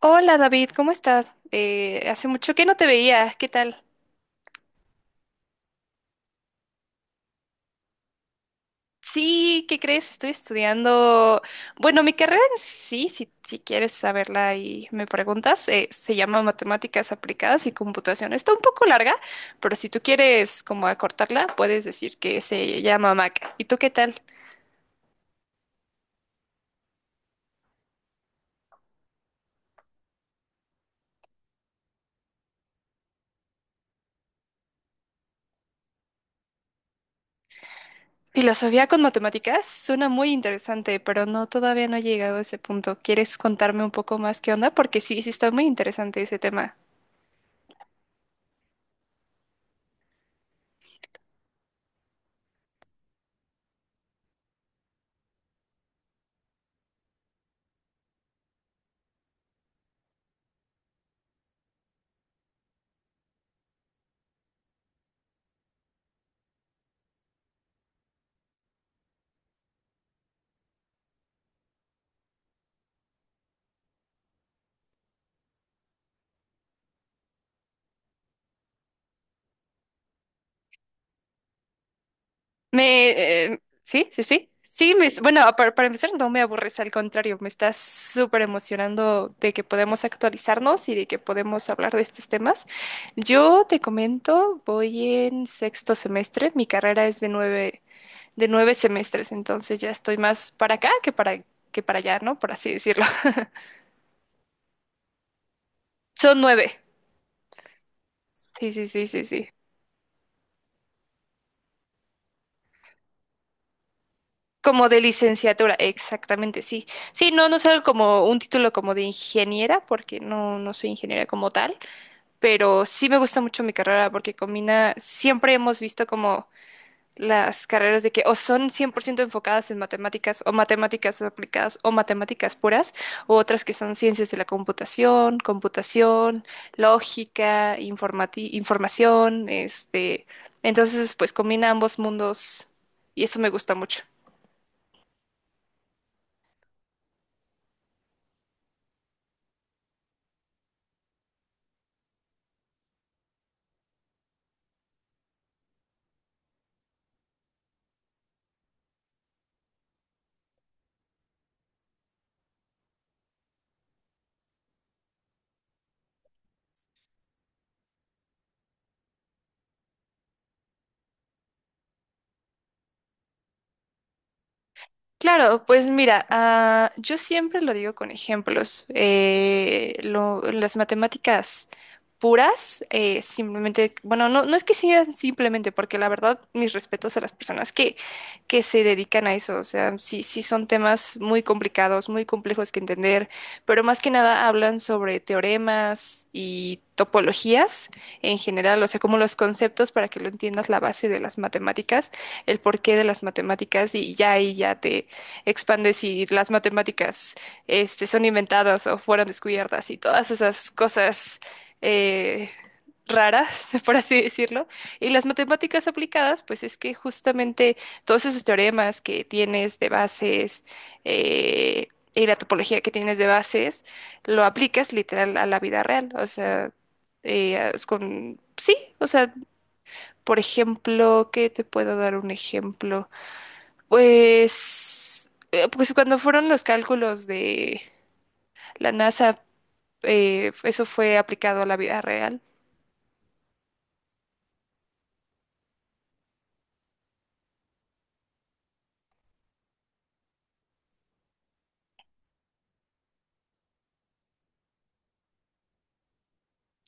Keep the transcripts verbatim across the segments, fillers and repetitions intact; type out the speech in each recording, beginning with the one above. Hola David, ¿cómo estás? Eh, hace mucho que no te veía, ¿qué tal? Sí, ¿qué crees? Estoy estudiando, bueno, mi carrera en sí, si, si quieres saberla y me preguntas, eh, se llama Matemáticas Aplicadas y Computación. Está un poco larga, pero si tú quieres como acortarla, puedes decir que se llama mac. ¿Y tú qué tal? Filosofía con matemáticas suena muy interesante, pero no, todavía no he llegado a ese punto. ¿Quieres contarme un poco más qué onda? Porque sí, sí está muy interesante ese tema. Me, eh, sí, sí, sí. Sí, me, bueno, para, para empezar, no me aburres, al contrario, me estás súper emocionando de que podemos actualizarnos y de que podemos hablar de estos temas. Yo te comento, voy en sexto semestre, mi carrera es de nueve, de nueve semestres, entonces ya estoy más para acá que para, que para allá, ¿no? Por así decirlo. Son nueve. Sí, sí, sí, sí, sí. Como de licenciatura, exactamente, sí. Sí, no, no soy como un título como de ingeniera, porque no, no soy ingeniera como tal, pero sí me gusta mucho mi carrera porque combina, siempre hemos visto como las carreras de que o son cien por ciento enfocadas en matemáticas o matemáticas aplicadas o matemáticas puras, o otras que son ciencias de la computación, computación, lógica, informati- información, este, entonces pues combina ambos mundos y eso me gusta mucho. Claro, pues mira, ah, yo siempre lo digo con ejemplos. Eh, lo- las matemáticas puras, eh, simplemente, bueno, no, no es que sean simplemente, porque la verdad, mis respetos a las personas que, que se dedican a eso, o sea, sí, sí son temas muy complicados, muy complejos que entender, pero más que nada hablan sobre teoremas y topologías en general, o sea, como los conceptos para que lo entiendas la base de las matemáticas, el porqué de las matemáticas y ya ahí ya te expandes si las matemáticas este, son inventadas o fueron descubiertas y todas esas cosas eh, raras, por así decirlo. Y las matemáticas aplicadas, pues es que justamente todos esos teoremas que tienes de bases eh, y la topología que tienes de bases, lo aplicas literal a la vida real. O sea, eh, es con... Sí, o sea, por ejemplo, ¿qué te puedo dar un ejemplo? Pues, eh, pues cuando fueron los cálculos de la NASA, eh, eso fue aplicado a la vida real.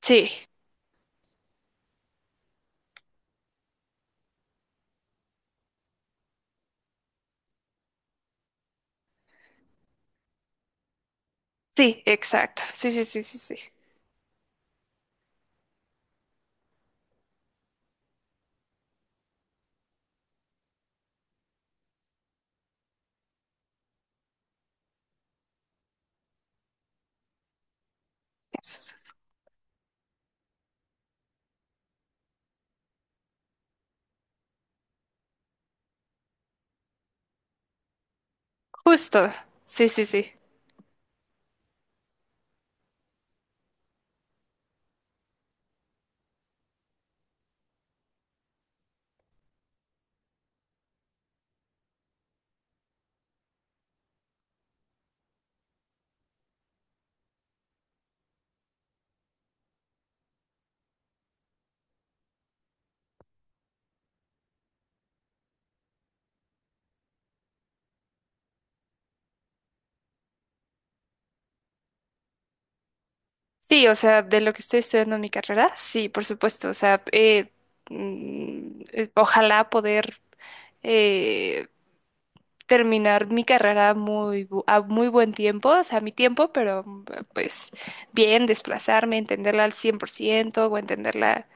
Sí. Sí, exacto. Sí, sí, sí, sí, sí. Eso es. Justo. Sí, sí, sí. Sí, o sea, de lo que estoy estudiando en mi carrera, sí, por supuesto. O sea, eh, mm, eh, ojalá poder eh, terminar mi carrera muy, bu- a muy buen tiempo, o sea, a mi tiempo, pero mm, pues bien, desplazarme, entenderla al cien por ciento o entenderla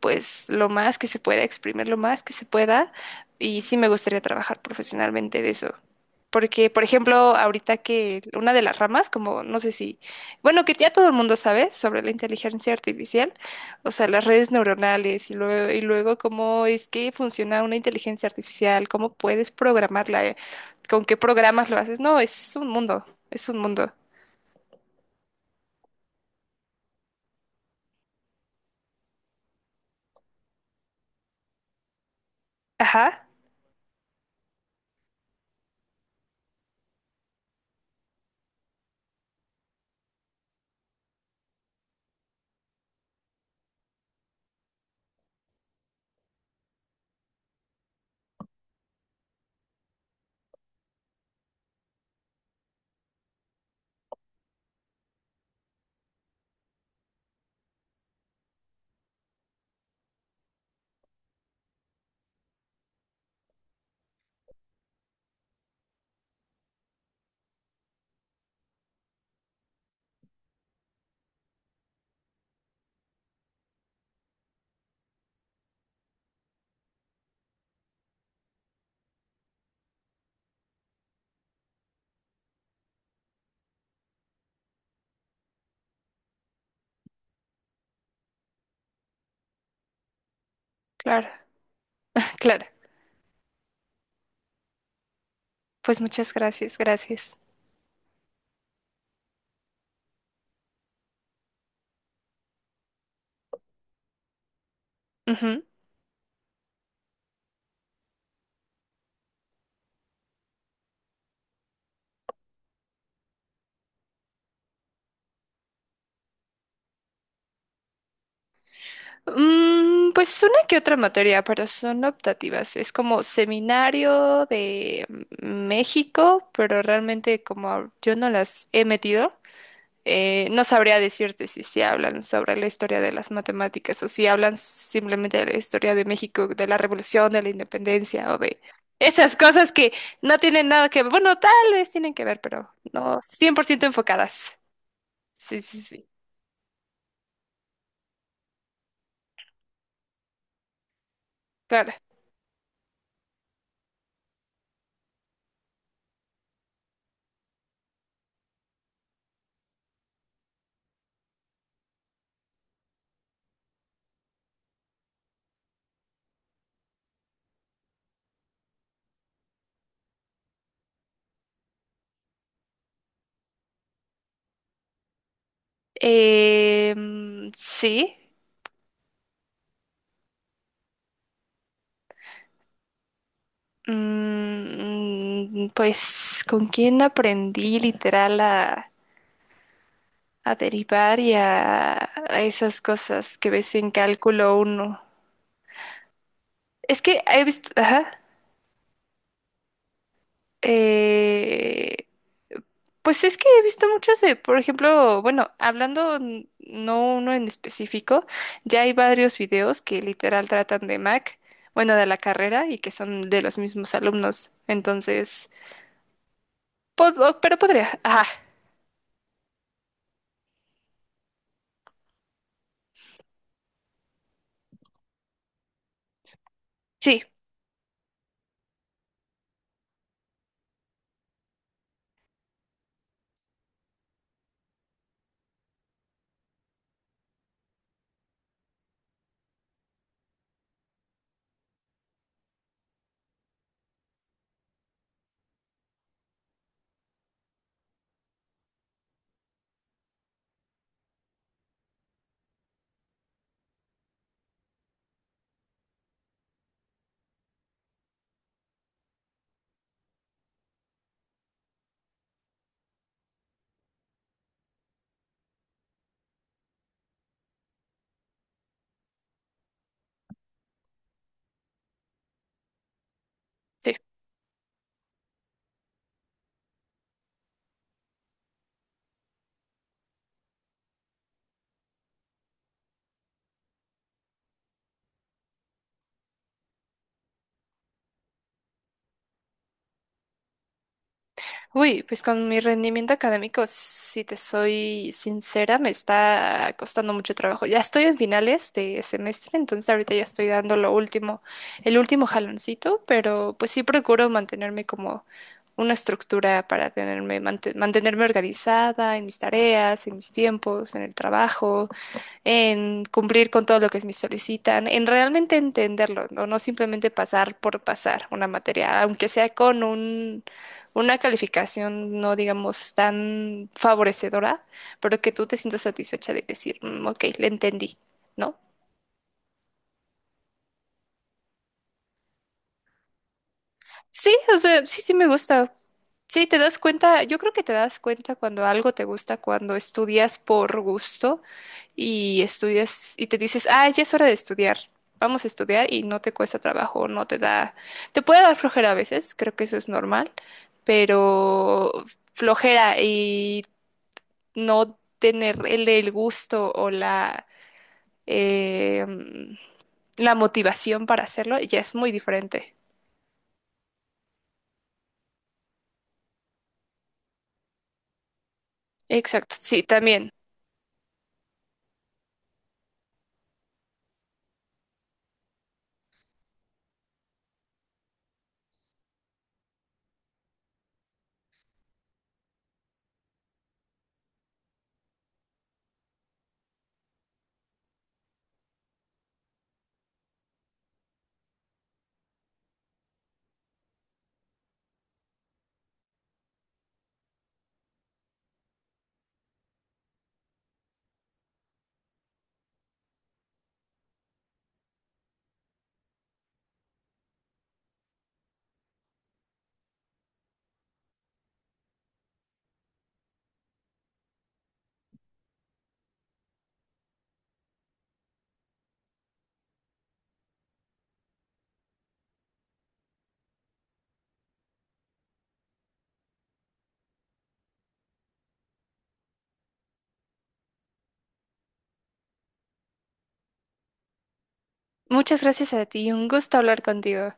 pues lo más que se pueda, exprimir lo más que se pueda. Y sí me gustaría trabajar profesionalmente de eso. Porque, por ejemplo, ahorita que una de las ramas, como no sé si, bueno, que ya todo el mundo sabe sobre la inteligencia artificial, o sea, las redes neuronales y luego, y luego cómo es que funciona una inteligencia artificial, cómo puedes programarla, eh, con qué programas lo haces. No, es un mundo, es un mundo. Ajá, claro, claro. Pues muchas gracias, gracias. Ujú. Mm, pues una que otra materia, pero son optativas. Es como seminario de México, pero realmente como yo no las he metido, eh, no sabría decirte si se hablan sobre la historia de las matemáticas o si hablan simplemente de la historia de México, de la revolución, de la independencia o de esas cosas que no tienen nada que ver. Bueno, tal vez tienen que ver, pero no cien por ciento enfocadas. Sí, sí, sí, claro. Em, sí. Mm, pues con quién aprendí literal a, a derivar y a, a esas cosas que ves en cálculo uno. Es que he visto, ajá, eh, pues es que he visto muchos de, por ejemplo, bueno, hablando n- no uno en específico, ya hay varios videos que literal tratan de Mac, bueno, de la carrera y que son de los mismos alumnos. Entonces, pod- pero podría, ajá, sí, sí. Uy, pues con mi rendimiento académico, si te soy sincera, me está costando mucho trabajo. Ya estoy en finales de semestre, entonces ahorita ya estoy dando lo último, el último jaloncito, pero pues sí procuro mantenerme como una estructura para tenerme, mante- mantenerme organizada en mis tareas, en mis tiempos, en el trabajo en cumplir con todo lo que me solicitan, en realmente entenderlo, no, no simplemente pasar por pasar una materia, aunque sea con un, una calificación no digamos tan favorecedora, pero que tú te sientas satisfecha de decir, "Mm, ok, le entendí", ¿no? Sí, o sea, sí, sí me gusta. Sí, te das cuenta, yo creo que te das cuenta cuando algo te gusta, cuando estudias por gusto y estudias y te dices, ah, ya es hora de estudiar, vamos a estudiar y no te cuesta trabajo, no te da, te puede dar flojera a veces, creo que eso es normal, pero flojera y no tener el, el gusto o la, eh, la motivación para hacerlo ya es muy diferente. Exacto, sí, también. Muchas gracias a ti, un gusto hablar contigo.